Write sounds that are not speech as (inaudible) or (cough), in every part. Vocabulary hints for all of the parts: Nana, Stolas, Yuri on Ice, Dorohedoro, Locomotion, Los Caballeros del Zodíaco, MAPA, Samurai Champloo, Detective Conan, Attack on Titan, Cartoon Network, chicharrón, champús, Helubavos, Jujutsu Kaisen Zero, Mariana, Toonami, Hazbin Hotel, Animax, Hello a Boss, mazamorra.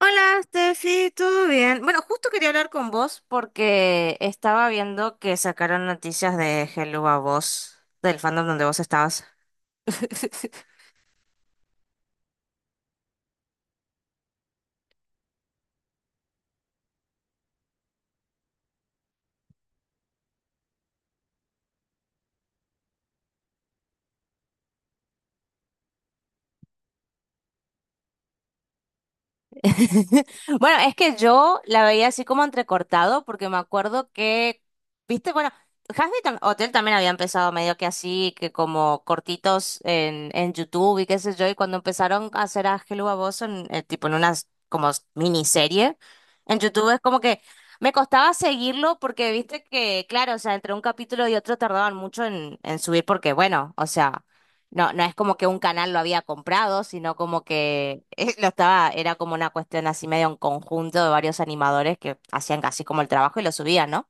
Hola, Steffi, ¿todo bien? Bueno, justo quería hablar con vos porque estaba viendo que sacaron noticias de Hello a vos, del fandom donde vos estabas. (laughs) (laughs) Bueno, es que yo la veía así como entrecortado, porque me acuerdo que, viste, bueno, Hotel también había empezado medio que así, que como cortitos en YouTube y qué sé yo, y cuando empezaron a hacer a Hello a Boss en, tipo en unas como miniserie, en YouTube es como que me costaba seguirlo porque viste que, claro, o sea, entre un capítulo y otro tardaban mucho en subir, porque bueno, o sea. No, es como que un canal lo había comprado, sino como que (laughs) lo estaba, era como una cuestión así medio en conjunto de varios animadores que hacían casi como el trabajo y lo subían, ¿no?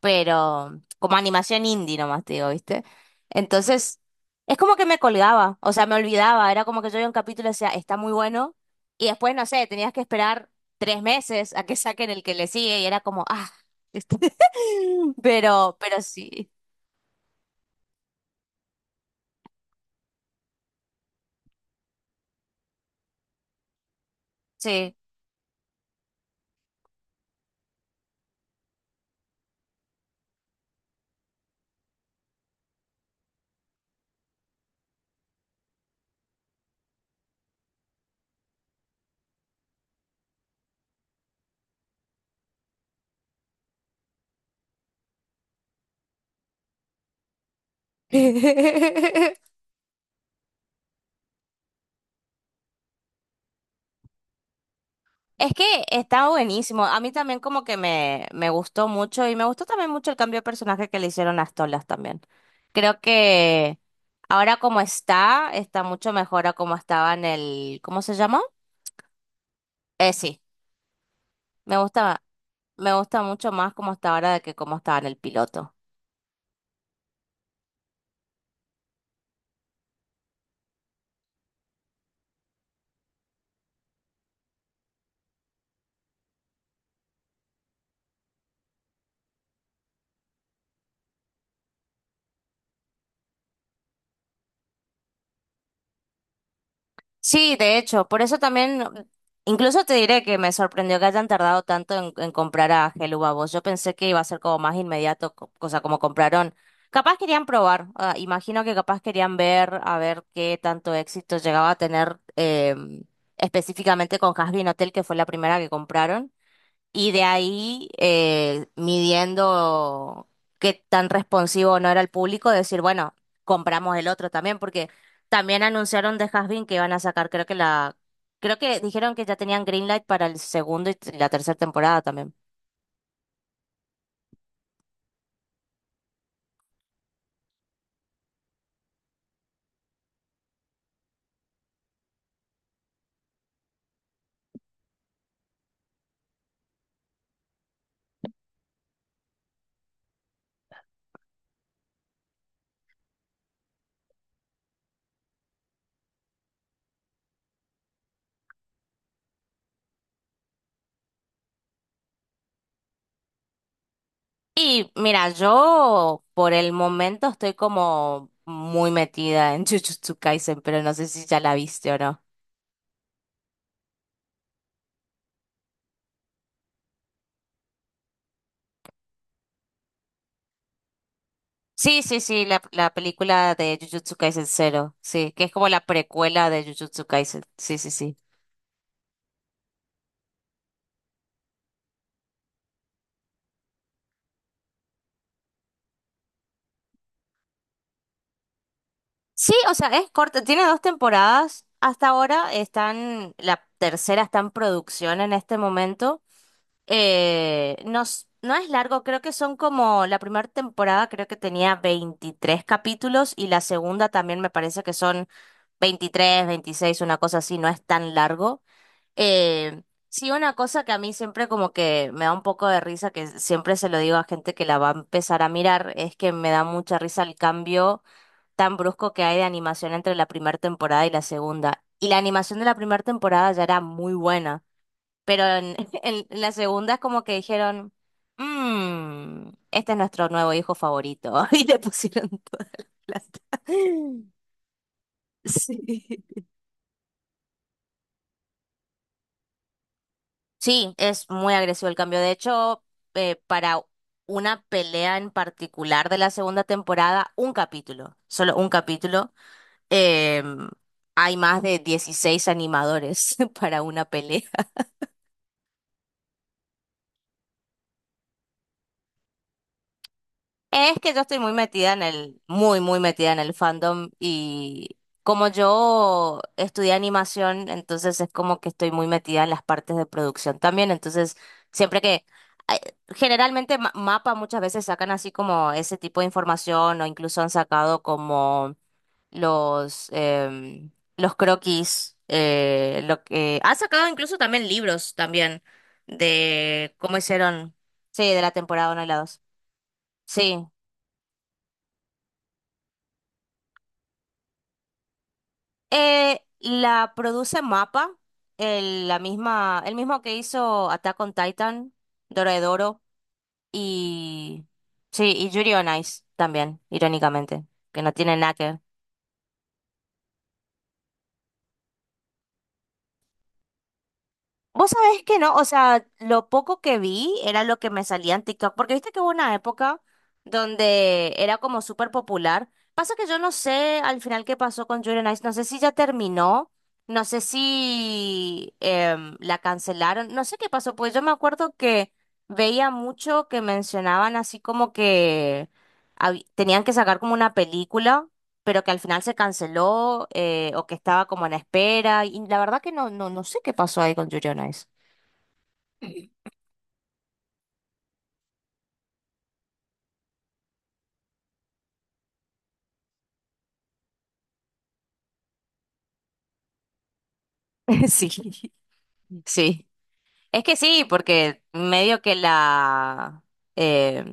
Pero como animación indie nomás te digo, ¿viste? Entonces, es como que me colgaba, o sea, me olvidaba, era como que yo veía un capítulo y decía, está muy bueno, y después, no sé, tenías que esperar 3 meses a que saquen el que le sigue y era como, ah, (laughs) ¿viste? Pero sí, sí. (laughs) Es que está buenísimo. A mí también como que me gustó mucho y me gustó también mucho el cambio de personaje que le hicieron a Stolas también. Creo que ahora como está, está mucho mejor a como estaba en el… ¿Cómo se llama? Sí, me gusta, me gusta mucho más como está ahora de que como estaba en el piloto. Sí, de hecho, por eso también, incluso te diré que me sorprendió que hayan tardado tanto en comprar a Helubavos. Yo pensé que iba a ser como más inmediato, o como compraron. Capaz querían probar, ah, imagino que capaz querían ver a ver qué tanto éxito llegaba a tener específicamente con Hazbin Hotel, que fue la primera que compraron. Y de ahí, midiendo qué tan responsivo no era el público, decir, bueno, compramos el otro también, porque también anunciaron de Hasbin que iban a sacar, creo que la, creo que dijeron que ya tenían Greenlight para el segundo y la tercera temporada también. Y mira, yo por el momento estoy como muy metida en (laughs) Jujutsu Kaisen, pero no sé si ya la viste o no. Sí, sí, sí, la película de Jujutsu Kaisen Zero, sí, que es como la precuela de Jujutsu Kaisen, sí, sí, sí. Sí, o sea, es corta, tiene 2 temporadas, hasta ahora están, la tercera está en producción en este momento. No, no es largo, creo que son como, la primera temporada creo que tenía 23 capítulos y la segunda también me parece que son 23, 26, una cosa así, no es tan largo. Eh, sí, una cosa que a mí siempre como que me da un poco de risa, que siempre se lo digo a gente que la va a empezar a mirar, es que me da mucha risa el cambio tan brusco que hay de animación entre la primera temporada y la segunda. Y la animación de la primera temporada ya era muy buena, pero (laughs) en la segunda es como que dijeron, este es nuestro nuevo hijo favorito, (laughs) y le pusieron toda la plata. (laughs) Sí. Sí, es muy agresivo el cambio. De hecho, para una pelea en particular de la segunda temporada, un capítulo, solo un capítulo, em, hay más de 16 animadores (laughs) para una pelea. Es que yo estoy muy metida en el, muy, muy metida en el fandom y como yo estudié animación, entonces es como que estoy muy metida en las partes de producción también, entonces siempre que, ay, generalmente Mapa muchas veces sacan así como ese tipo de información o incluso han sacado como los, los croquis, lo que, han sacado incluso también libros también de cómo hicieron, sí, de la temporada 1 y la 2. Sí. La produce MAPA, el, la misma, el mismo que hizo Attack on Titan, Dorohedoro y sí, y Yuri on Ice también, irónicamente, que no tiene nada que ver. Vos sabés que no, o sea, lo poco que vi era lo que me salía en TikTok, porque viste que hubo una época donde era como súper popular. Pasa que yo no sé al final qué pasó con Julia Nice, no sé si ya terminó, no sé si la cancelaron, no sé qué pasó, pues yo me acuerdo que veía mucho que mencionaban así como que tenían que sacar como una película pero que al final se canceló o que estaba como en espera. Y la verdad que no sé qué pasó ahí con Yuri on Ice. (laughs) Sí, sí. Es que sí, porque medio que la eh,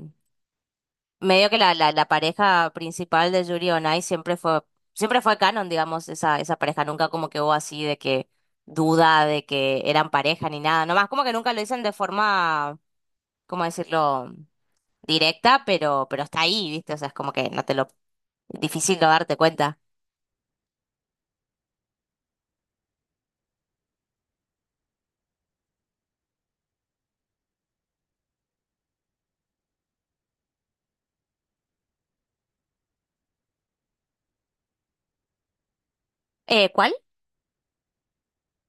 medio que la pareja principal de Yuri on Ice siempre fue canon, digamos, esa pareja. Nunca como que hubo así de que duda de que eran pareja ni nada. Nomás como que nunca lo dicen de forma, ¿cómo decirlo? Directa, pero está ahí, ¿viste? O sea, es como que no te lo… Difícil no darte cuenta. ¿Cuál?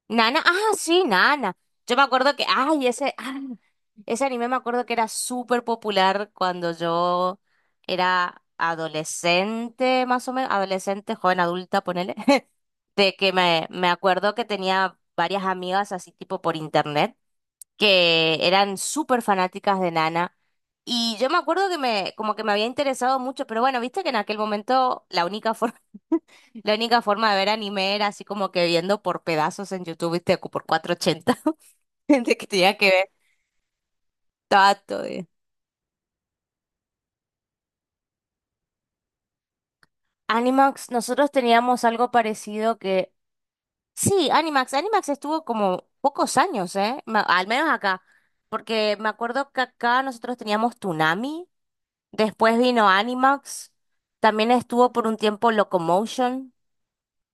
Nana. Ah, sí, Nana. Yo me acuerdo que, ay, ese, ah, ese anime me acuerdo que era súper popular cuando yo era adolescente, más o menos, adolescente, joven adulta, ponele. (laughs) De que me acuerdo que tenía varias amigas así tipo por internet que eran súper fanáticas de Nana. Y yo me acuerdo que como que me había interesado mucho, pero bueno, viste que en aquel momento la única forma… La única forma de ver anime era así como que viendo por pedazos en YouTube, viste, por 480, (laughs) de que tenía que ver todo. Todo, Animax, nosotros teníamos algo parecido que… Sí, Animax, Animax estuvo como pocos años, ¿eh? Al menos acá, porque me acuerdo que acá nosotros teníamos Toonami, después vino Animax, también estuvo por un tiempo Locomotion.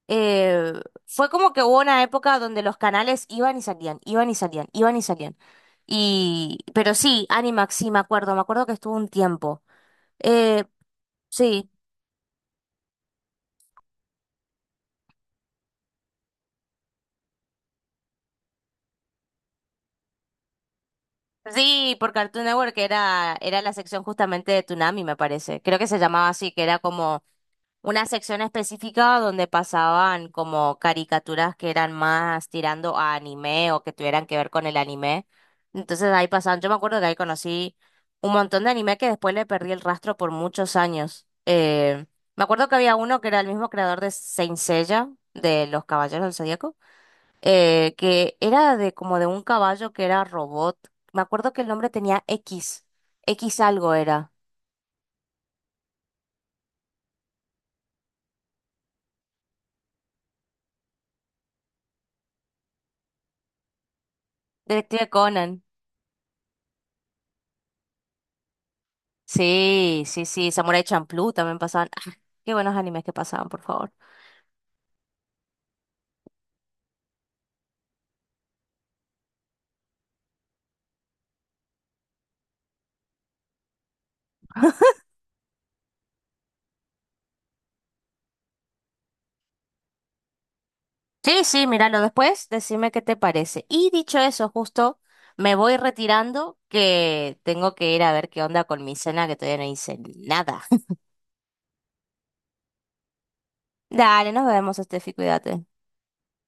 eh, Fue como que hubo una época donde los canales iban y salían, iban y salían, iban y salían. Y, pero sí, Animax, sí, me acuerdo que estuvo un tiempo. Eh, sí, sí, por Cartoon Network que era, era la sección justamente de Toonami, me parece. Creo que se llamaba así, que era como una sección específica donde pasaban como caricaturas que eran más tirando a anime o que tuvieran que ver con el anime. Entonces ahí pasaban, yo me acuerdo que ahí conocí un montón de anime que después le perdí el rastro por muchos años. Me acuerdo que había uno que era el mismo creador de Saint Seiya, de Los Caballeros del Zodíaco, que era de como de un caballo que era robot. Me acuerdo que el nombre tenía X, X algo era. Detective Conan. Sí, sí, sí, Samurai Champloo también pasaban. Ah, qué buenos animes que pasaban, por favor. Sí, sí, míralo después, decime qué te parece. Y dicho eso, justo me voy retirando que tengo que ir a ver qué onda con mi cena, que todavía no hice nada. (laughs) Dale, nos vemos, Estefi, cuídate.